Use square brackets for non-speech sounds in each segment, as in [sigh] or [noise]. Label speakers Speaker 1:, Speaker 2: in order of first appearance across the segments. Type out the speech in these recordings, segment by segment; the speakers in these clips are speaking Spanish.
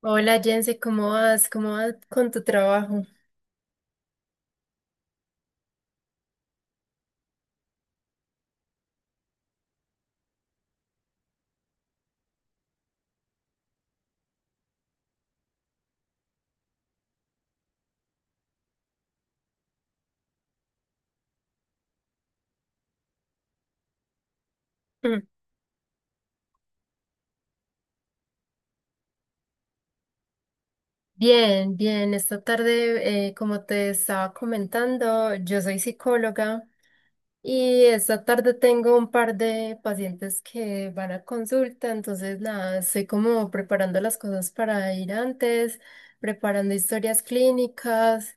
Speaker 1: Hola Jense, ¿cómo vas? ¿Cómo vas con tu trabajo? Mm. Bien, bien. Esta tarde, como te estaba comentando, yo soy psicóloga y esta tarde tengo un par de pacientes que van a consulta, entonces nada, estoy como preparando las cosas para ir antes, preparando historias clínicas,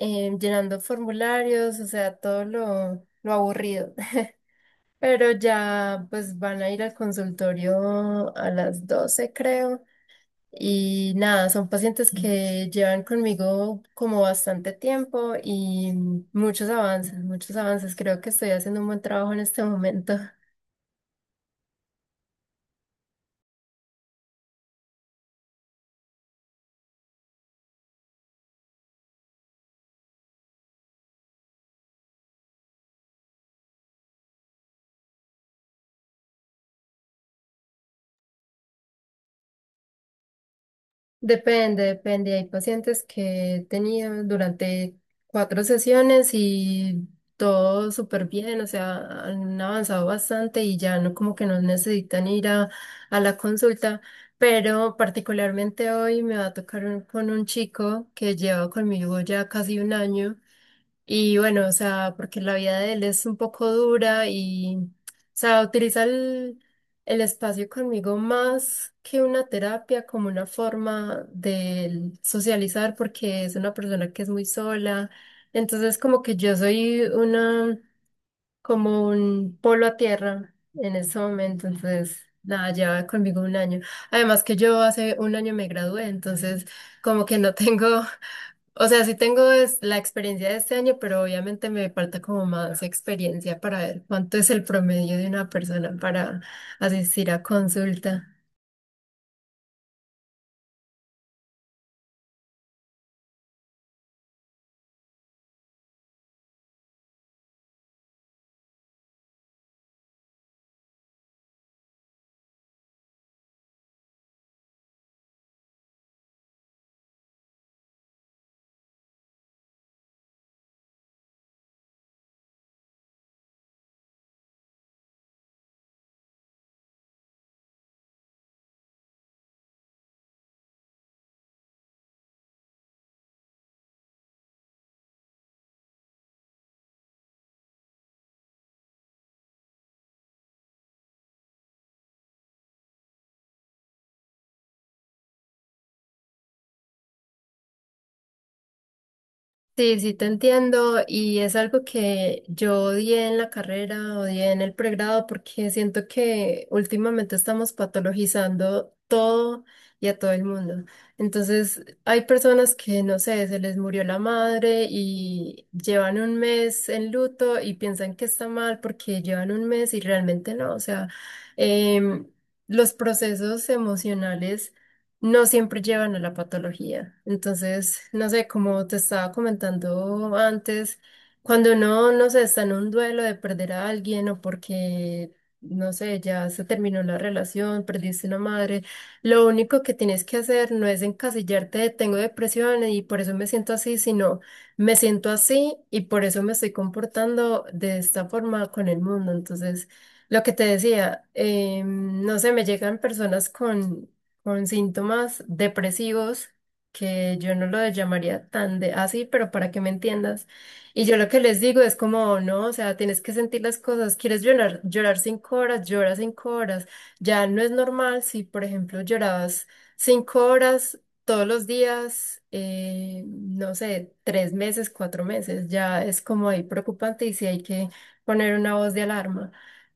Speaker 1: llenando formularios, o sea, todo lo aburrido. [laughs] Pero ya pues van a ir al consultorio a las 12, creo. Y nada, son pacientes que llevan conmigo como bastante tiempo y muchos avances, muchos avances. Creo que estoy haciendo un buen trabajo en este momento. Depende, depende. Hay pacientes que he tenido durante cuatro sesiones y todo súper bien, o sea, han avanzado bastante y ya no como que no necesitan ir a la consulta. Pero particularmente hoy me va a tocar con un chico que lleva conmigo ya casi un año. Y bueno, o sea, porque la vida de él es un poco dura y, o sea, utiliza el espacio conmigo más que una terapia, como una forma de él socializar, porque es una persona que es muy sola. Entonces, como que yo soy una como un polo a tierra en ese momento, entonces nada, lleva conmigo un año. Además que yo hace un año me gradué, entonces como que no tengo, [laughs] o sea, sí tengo la experiencia de este año, pero obviamente me falta como más experiencia para ver cuánto es el promedio de una persona para asistir a consulta. Sí, sí, te entiendo y es algo que yo odié en la carrera, odié en el pregrado porque siento que últimamente estamos patologizando todo y a todo el mundo. Entonces, hay personas que, no sé, se les murió la madre y llevan un mes en luto y piensan que está mal porque llevan un mes y realmente no. O sea, em, los procesos emocionales no siempre llevan a la patología. Entonces, no sé, como te estaba comentando antes, cuando uno, no sé, está en un duelo de perder a alguien o porque, no sé, ya se terminó la relación, perdiste una madre, lo único que tienes que hacer no es encasillarte de tengo depresión y por eso me siento así, sino me siento así y por eso me estoy comportando de esta forma con el mundo. Entonces, lo que te decía, no sé, me llegan personas con síntomas depresivos, que yo no lo llamaría tan de así, pero para que me entiendas. Y yo lo que les digo es como, no, o sea, tienes que sentir las cosas, quieres llorar, llorar cinco horas, llora cinco horas. Ya no es normal si, por ejemplo, llorabas cinco horas todos los días, no sé, tres meses, cuatro meses, ya es como ahí preocupante y si hay que poner una voz de alarma.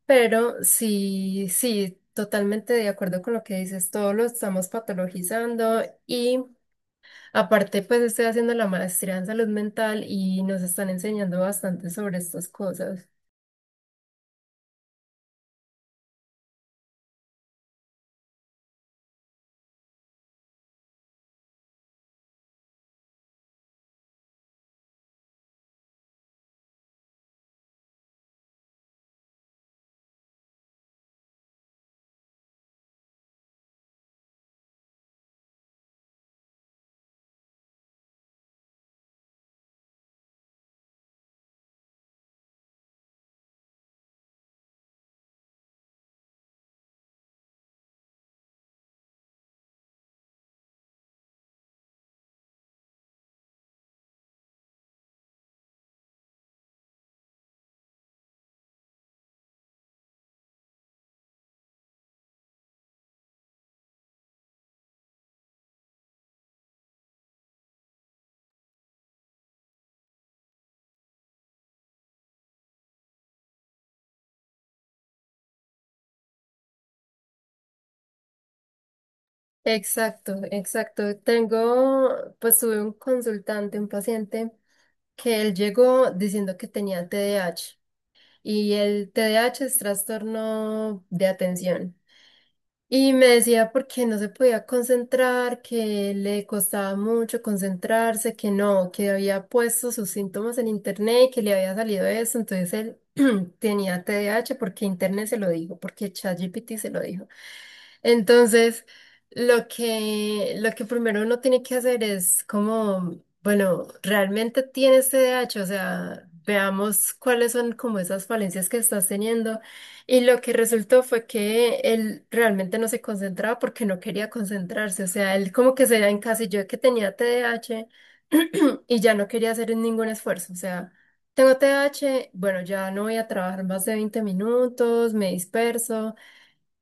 Speaker 1: Pero sí, sí, totalmente de acuerdo con lo que dices, todo lo estamos patologizando y aparte pues estoy haciendo la maestría en salud mental y nos están enseñando bastante sobre estas cosas. Exacto, exacto. Tengo, pues tuve un consultante, un paciente que él llegó diciendo que tenía TDAH. Y el T D A H es trastorno de atención. Y me decía porque no se podía concentrar, que le costaba mucho concentrarse, que no, que había puesto sus síntomas en internet y que le había salido eso. Entonces él [clears throat] tenía T D A H porque internet se lo dijo, porque ChatGPT se lo dijo. Entonces, lo que primero uno tiene que hacer es como bueno, realmente tienes T D A H, o sea, veamos cuáles son como esas falencias que estás teniendo. Y lo que resultó fue que él realmente no se concentraba porque no quería concentrarse, o sea, él como que se encasilló de que tenía T D A H [clears throat] y ya no quería hacer ningún esfuerzo, o sea, tengo T D A H, bueno, ya no voy a trabajar más de 20 minutos, me disperso.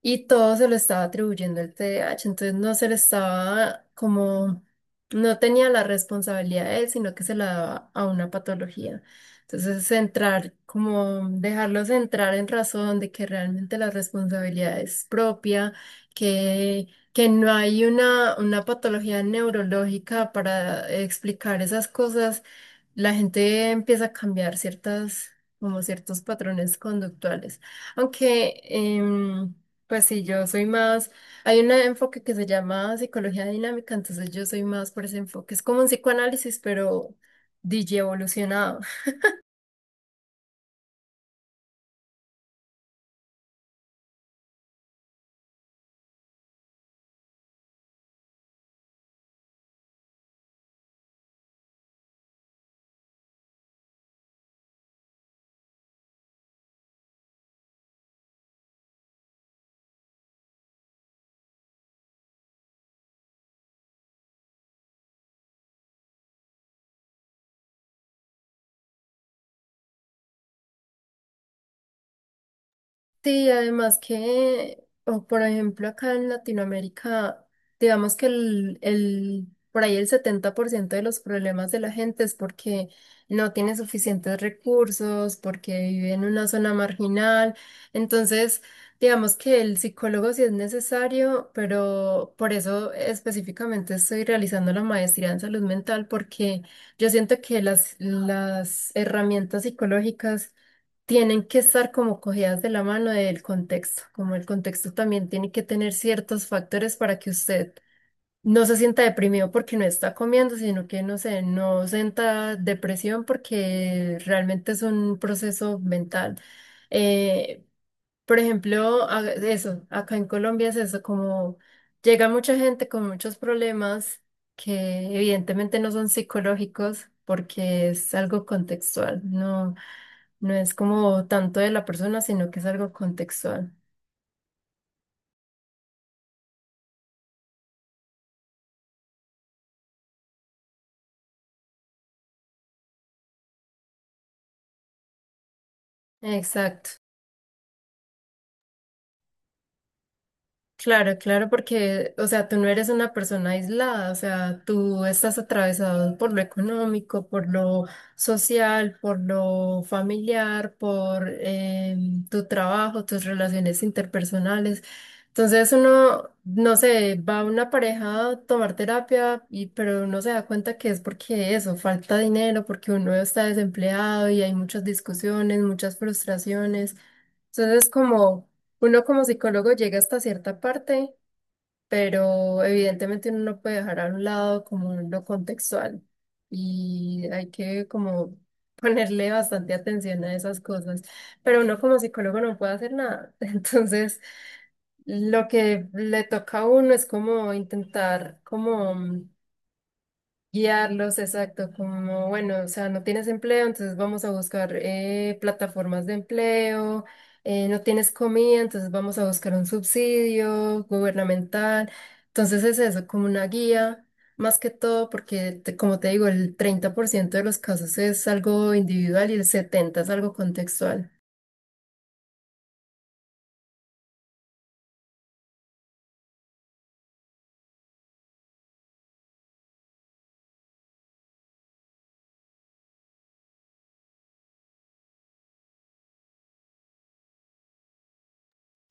Speaker 1: Y todo se lo estaba atribuyendo el T D A H, entonces no se le estaba como, no tenía la responsabilidad de él, sino que se la daba a una patología. Entonces, centrar, como dejarlos entrar en razón de que realmente la responsabilidad es propia, que, no hay una patología neurológica para explicar esas cosas, la gente empieza a cambiar ciertas, como ciertos patrones conductuales. Aunque... pues sí, yo soy más, hay un enfoque que se llama psicología dinámica, entonces yo soy más por ese enfoque. Es como un psicoanálisis, pero DJ. Sí, además que, o por ejemplo, acá en Latinoamérica, digamos que por ahí el 70% de los problemas de la gente es porque no tiene suficientes recursos, porque vive en una zona marginal. Entonces, digamos que el psicólogo sí es necesario, pero por eso específicamente estoy realizando la maestría en salud mental, porque yo siento que las herramientas psicológicas tienen que estar como cogidas de la mano del contexto, como el contexto también tiene que tener ciertos factores para que usted no se sienta deprimido porque no está comiendo, sino que, no sé, no sienta depresión porque realmente es un proceso mental. Eh, por ejemplo, eso, acá en Colombia es eso, como llega mucha gente con muchos problemas que evidentemente no son psicológicos porque es algo contextual, no. No es como tanto de la persona, sino que es algo contextual. Exacto. Claro, claro, porque, o sea, tú no eres una persona aislada, o sea, tú estás atravesado por lo económico, por lo social, por lo familiar, por tu trabajo, tus relaciones interpersonales. Entonces uno, no sé, va a una pareja a tomar terapia, y, pero uno se da cuenta que es porque eso, falta dinero, porque uno está desempleado y hay muchas discusiones, muchas frustraciones. Entonces como uno como psicólogo llega hasta cierta parte pero evidentemente uno no puede dejar a un lado como lo contextual y hay que como [laughs] ponerle bastante atención a esas cosas, pero uno como psicólogo no puede hacer nada, [laughs] entonces lo que le toca a uno es como intentar como Guiarlos, exacto, como bueno, o sea, no tienes empleo, entonces vamos a buscar plataformas de empleo, no tienes comida, entonces vamos a buscar un subsidio gubernamental. Entonces es eso, como una guía, más que todo, porque como te digo, el 30% de los casos es algo individual y el 70% es algo contextual.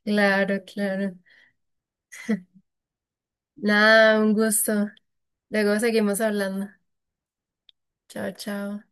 Speaker 1: Claro, claro. Nada, un gusto. Luego seguimos hablando. Chao, chao.